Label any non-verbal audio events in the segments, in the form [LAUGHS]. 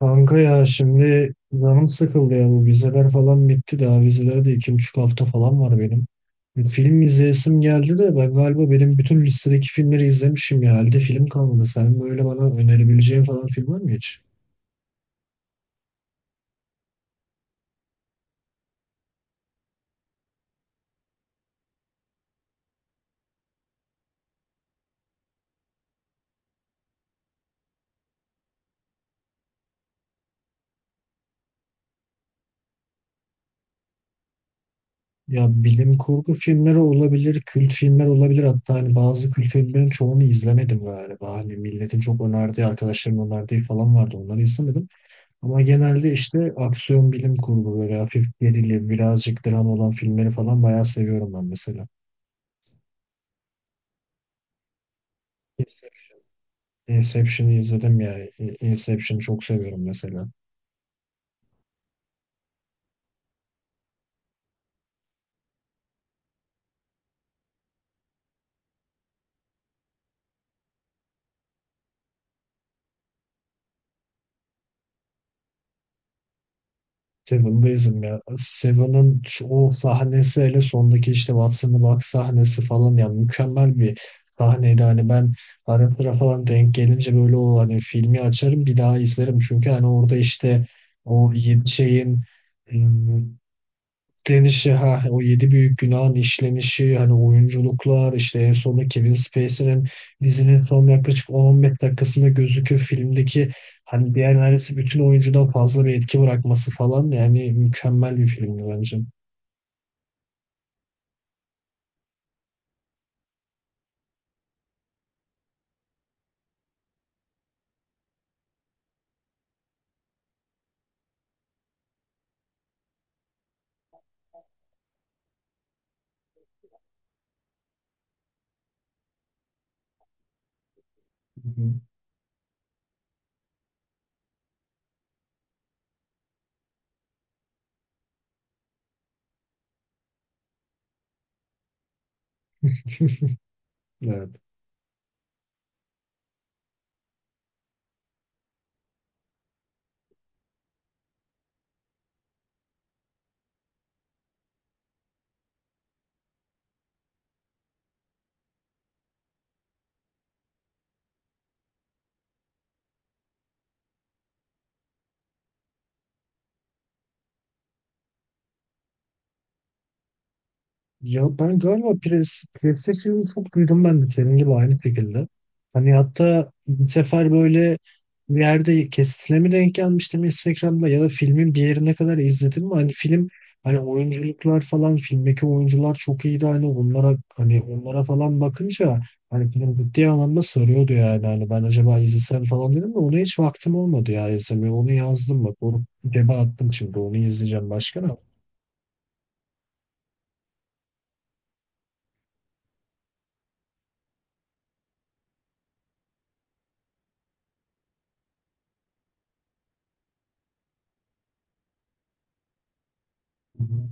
Kanka ya şimdi canım sıkıldı ya, bu vizeler falan bitti, daha vizeler de 2,5 hafta falan var benim. Bir film izleyesim geldi de ben galiba benim bütün listedeki filmleri izlemişim, ya halde film kalmadı. Sen böyle bana önerebileceğin falan film var mı hiç? Ya bilim kurgu filmleri olabilir, kült filmler olabilir. Hatta hani bazı kült filmlerin çoğunu izlemedim galiba. Hani milletin çok önerdiği, arkadaşlarımın önerdiği falan vardı. Onları izlemedim. Ama genelde işte aksiyon, bilim kurgu, böyle hafif gerilim, birazcık dram olan filmleri falan bayağı seviyorum ben mesela. Inception. Inception'ı izledim ya. Inception'ı çok seviyorum mesela. Seven'dayızım ya. Seven'ın o sahnesi, hele sondaki işte Watson'ı bak sahnesi falan ya, mükemmel bir sahneydi. Hani ben ara sıra falan denk gelince böyle o hani filmi açarım bir daha izlerim. Çünkü hani orada işte o yedi şeyin işlenişi, ha, o yedi büyük günahın işlenişi, hani oyunculuklar, işte en sonunda Kevin Spacey'nin dizinin son yaklaşık 10-15 dakikasında gözüküyor filmdeki, hani diğer neredeyse bütün oyuncudan fazla bir etki bırakması falan, yani mükemmel bir filmdi bence. [LAUGHS] Evet. Ya ben galiba PlayStation'ı çok duydum ben de senin gibi aynı şekilde. Hani hatta bir sefer böyle bir yerde kesitine mi denk gelmiştim Instagram'da, ya da filmin bir yerine kadar izledim mi? Hani film, hani oyunculuklar falan, filmdeki oyuncular çok iyiydi, hani onlara falan bakınca hani film ciddi anlamda soruyordu, yani hani ben acaba izlesem falan dedim de ona hiç vaktim olmadı ya izlemeye, onu yazdım bak, onu cebe attım, şimdi onu izleyeceğim, başka ne? Hı hı.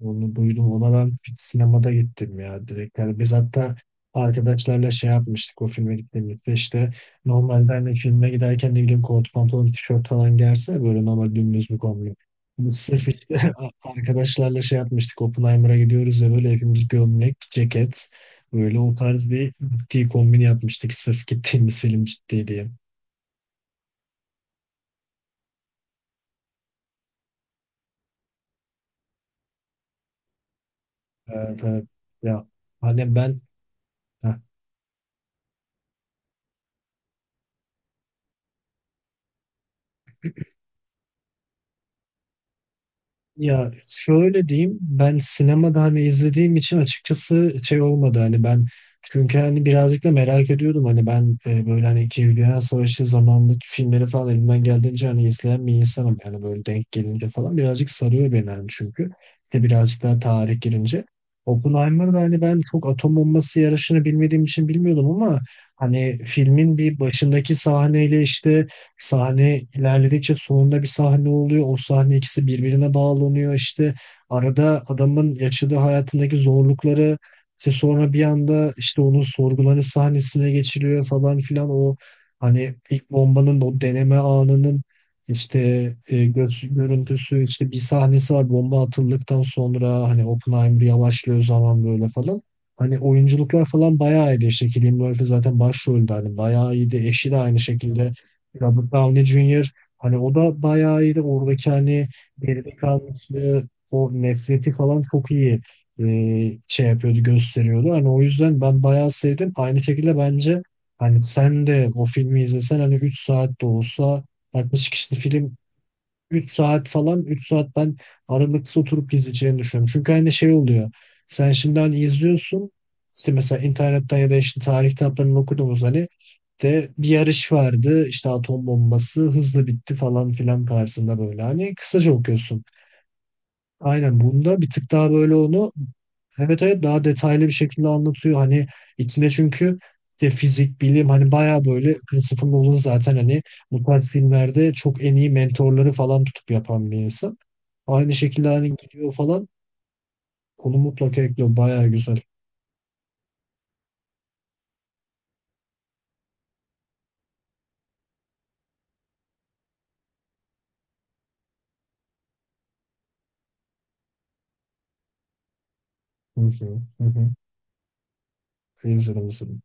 Onu duydum. Ona ben sinemada gittim ya, direkt. Yani biz hatta arkadaşlarla şey yapmıştık o filme gittiğimizde, işte normalde hani filme giderken ne bileyim kot pantolon tişört falan gelse böyle normal dümdüz bir kombin. Biz sırf işte [LAUGHS] arkadaşlarla şey yapmıştık, Oppenheimer'a gidiyoruz ya, böyle hepimiz gömlek, ceket, böyle o tarz bir ciddi kombin yapmıştık sırf gittiğimiz film ciddi diye. Evet, evet. Ya hani ben... Heh. Ya şöyle diyeyim, ben sinemada hani izlediğim için açıkçası şey olmadı hani ben, çünkü hani birazcık da merak ediyordum hani ben, böyle hani İkinci Dünya Savaşı zamanındaki filmleri falan elimden geldiğince hani izleyen bir insanım, yani böyle denk gelince falan birazcık sarıyor beni hani, çünkü de birazcık daha tarih girince Oppenheimer'da hani ben çok atom bombası yarışını bilmediğim için bilmiyordum, ama hani filmin bir başındaki sahneyle işte sahne ilerledikçe sonunda bir sahne oluyor. O sahne ikisi birbirine bağlanıyor işte. Arada adamın yaşadığı hayatındaki zorlukları, işte sonra bir anda işte onun sorgulanış sahnesine geçiliyor falan filan. O hani ilk bombanın o deneme anının işte, görüntüsü, işte bir sahnesi var bomba atıldıktan sonra hani Oppenheimer yavaşlıyor zaman böyle falan. Hani oyunculuklar falan bayağı iyiydi. İşte Cillian Murphy zaten başroldü. Hani bayağı iyiydi. Eşi de aynı şekilde. Robert Downey Jr. Hani o da bayağı iyiydi. Oradaki hani geride kalmışlığı, o nefreti falan çok iyi e, şey yapıyordu, gösteriyordu. Hani o yüzden ben bayağı sevdim. Aynı şekilde bence hani sen de o filmi izlesen, hani 3 saat de olsa, 60 kişilik film. 3 saat falan, 3 saat ben aralıksız oturup izleyeceğini düşünüyorum. Çünkü hani şey oluyor. Sen şimdi hani izliyorsun işte, mesela internetten ya da işte tarih kitaplarını okuduğumuz hani de bir yarış vardı, işte atom bombası hızlı bitti falan filan tarzında, böyle hani kısaca okuyorsun. Aynen, bunda bir tık daha böyle onu, evet evet, daha detaylı bir şekilde anlatıyor. Hani içine çünkü de fizik, bilim, hani bayağı böyle, Christopher Nolan zaten hani bu tarz filmlerde çok en iyi mentorları falan tutup yapan bir insan. Aynı şekilde hani gidiyor falan, onu mutlaka ekliyor. Bayağı güzel. Hı hı, hı hı. İzledim izledim.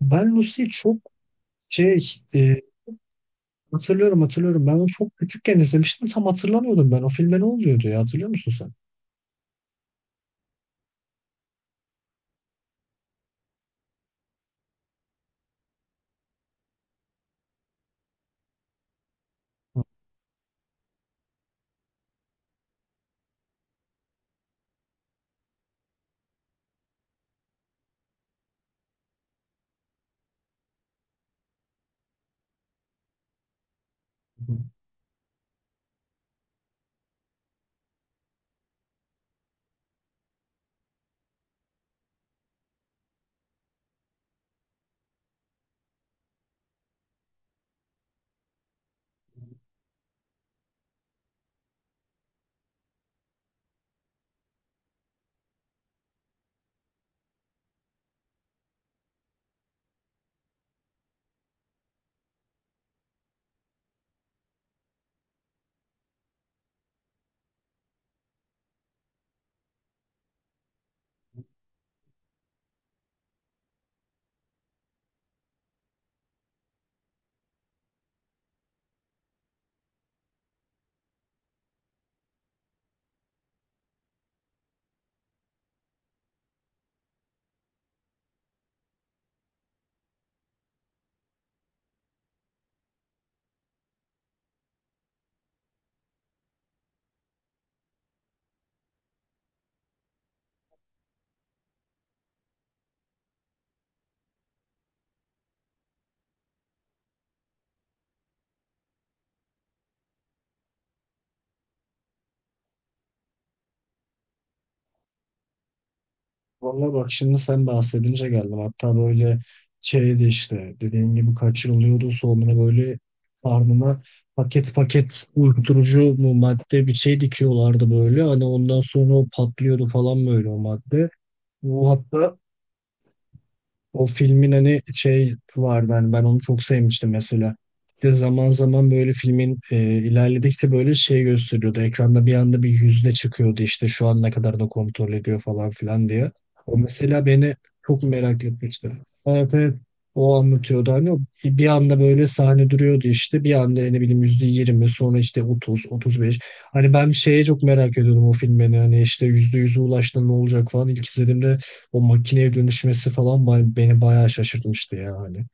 Ben Lucy'yi çok şey e, hatırlıyorum hatırlıyorum. Ben onu çok küçükken izlemiştim. Tam hatırlamıyordum ben. O filme ne oluyordu ya, hatırlıyor musun sen? Valla bak, şimdi sen bahsedince geldim. Hatta böyle şeydi işte, dediğim gibi kaçırılıyordu. Sonra böyle karnına paket paket uyuşturucu mu madde bir şey dikiyorlardı böyle. Hani ondan sonra o patlıyordu falan böyle o madde. Bu hatta o filmin hani şey var, ben onu çok sevmiştim mesela. Bir de zaman zaman böyle filmin ilerledikçe böyle şey gösteriyordu. Ekranda bir anda bir yüzde çıkıyordu, işte şu an ne kadar da kontrol ediyor falan filan diye. O mesela beni çok merak etmişti. Evet evet. O anlatıyordu hani, o bir anda böyle sahne duruyordu, işte bir anda ne bileyim %20, sonra işte %30, %35. Hani ben şeye çok merak ediyordum o filmi hani, işte %100'e ulaştı ne olacak falan. İlk izlediğimde o makineye dönüşmesi falan beni bayağı şaşırtmıştı ya hani.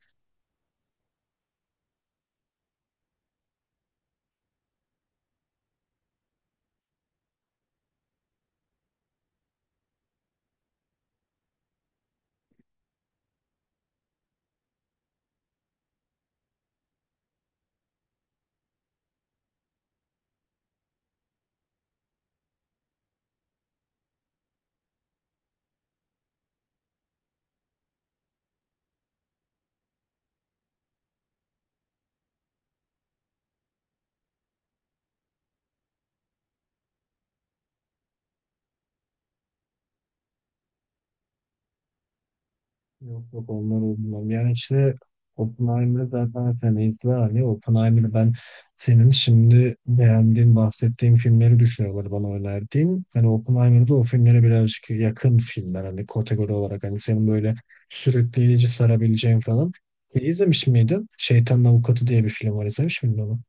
Yok yok, onlar olmam. Yani işte Oppenheimer'ı zaten sen izle hani, Oppenheimer'ı ben senin şimdi beğendiğin, bahsettiğin filmleri düşünüyorlar bana önerdiğin. Hani Oppenheimer'da o filmlere birazcık yakın filmler hani, kategori olarak, hani senin böyle sürükleyici, sarabileceğin falan. E, izlemiş miydin? Şeytanın Avukatı diye bir film var, izlemiş miydin onu?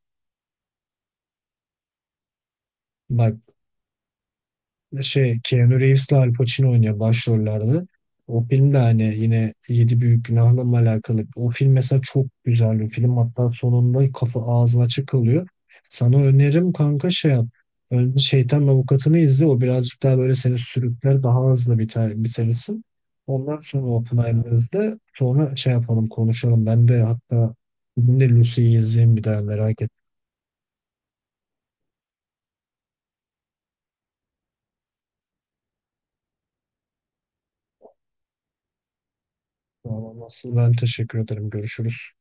Bak, şey, Keanu Reeves'le Al Pacino oynuyor başrollerde. O film de hani yine Yedi Büyük Günah'la mı alakalı. O film mesela çok güzel bir film. Hatta sonunda kafa ağzı açık kalıyor. Sana önerim kanka, şey yap. Önce Şeytan Avukatı'nı izle. O birazcık daha böyle seni sürükler, daha hızlı biter, bitirirsin. Ondan sonra Oppenheimer'ı izle. Sonra şey yapalım, konuşalım. Ben de hatta bugün de Lucy'yi izleyeyim bir daha, merak etme. Ama nasıl, ben teşekkür ederim. Görüşürüz.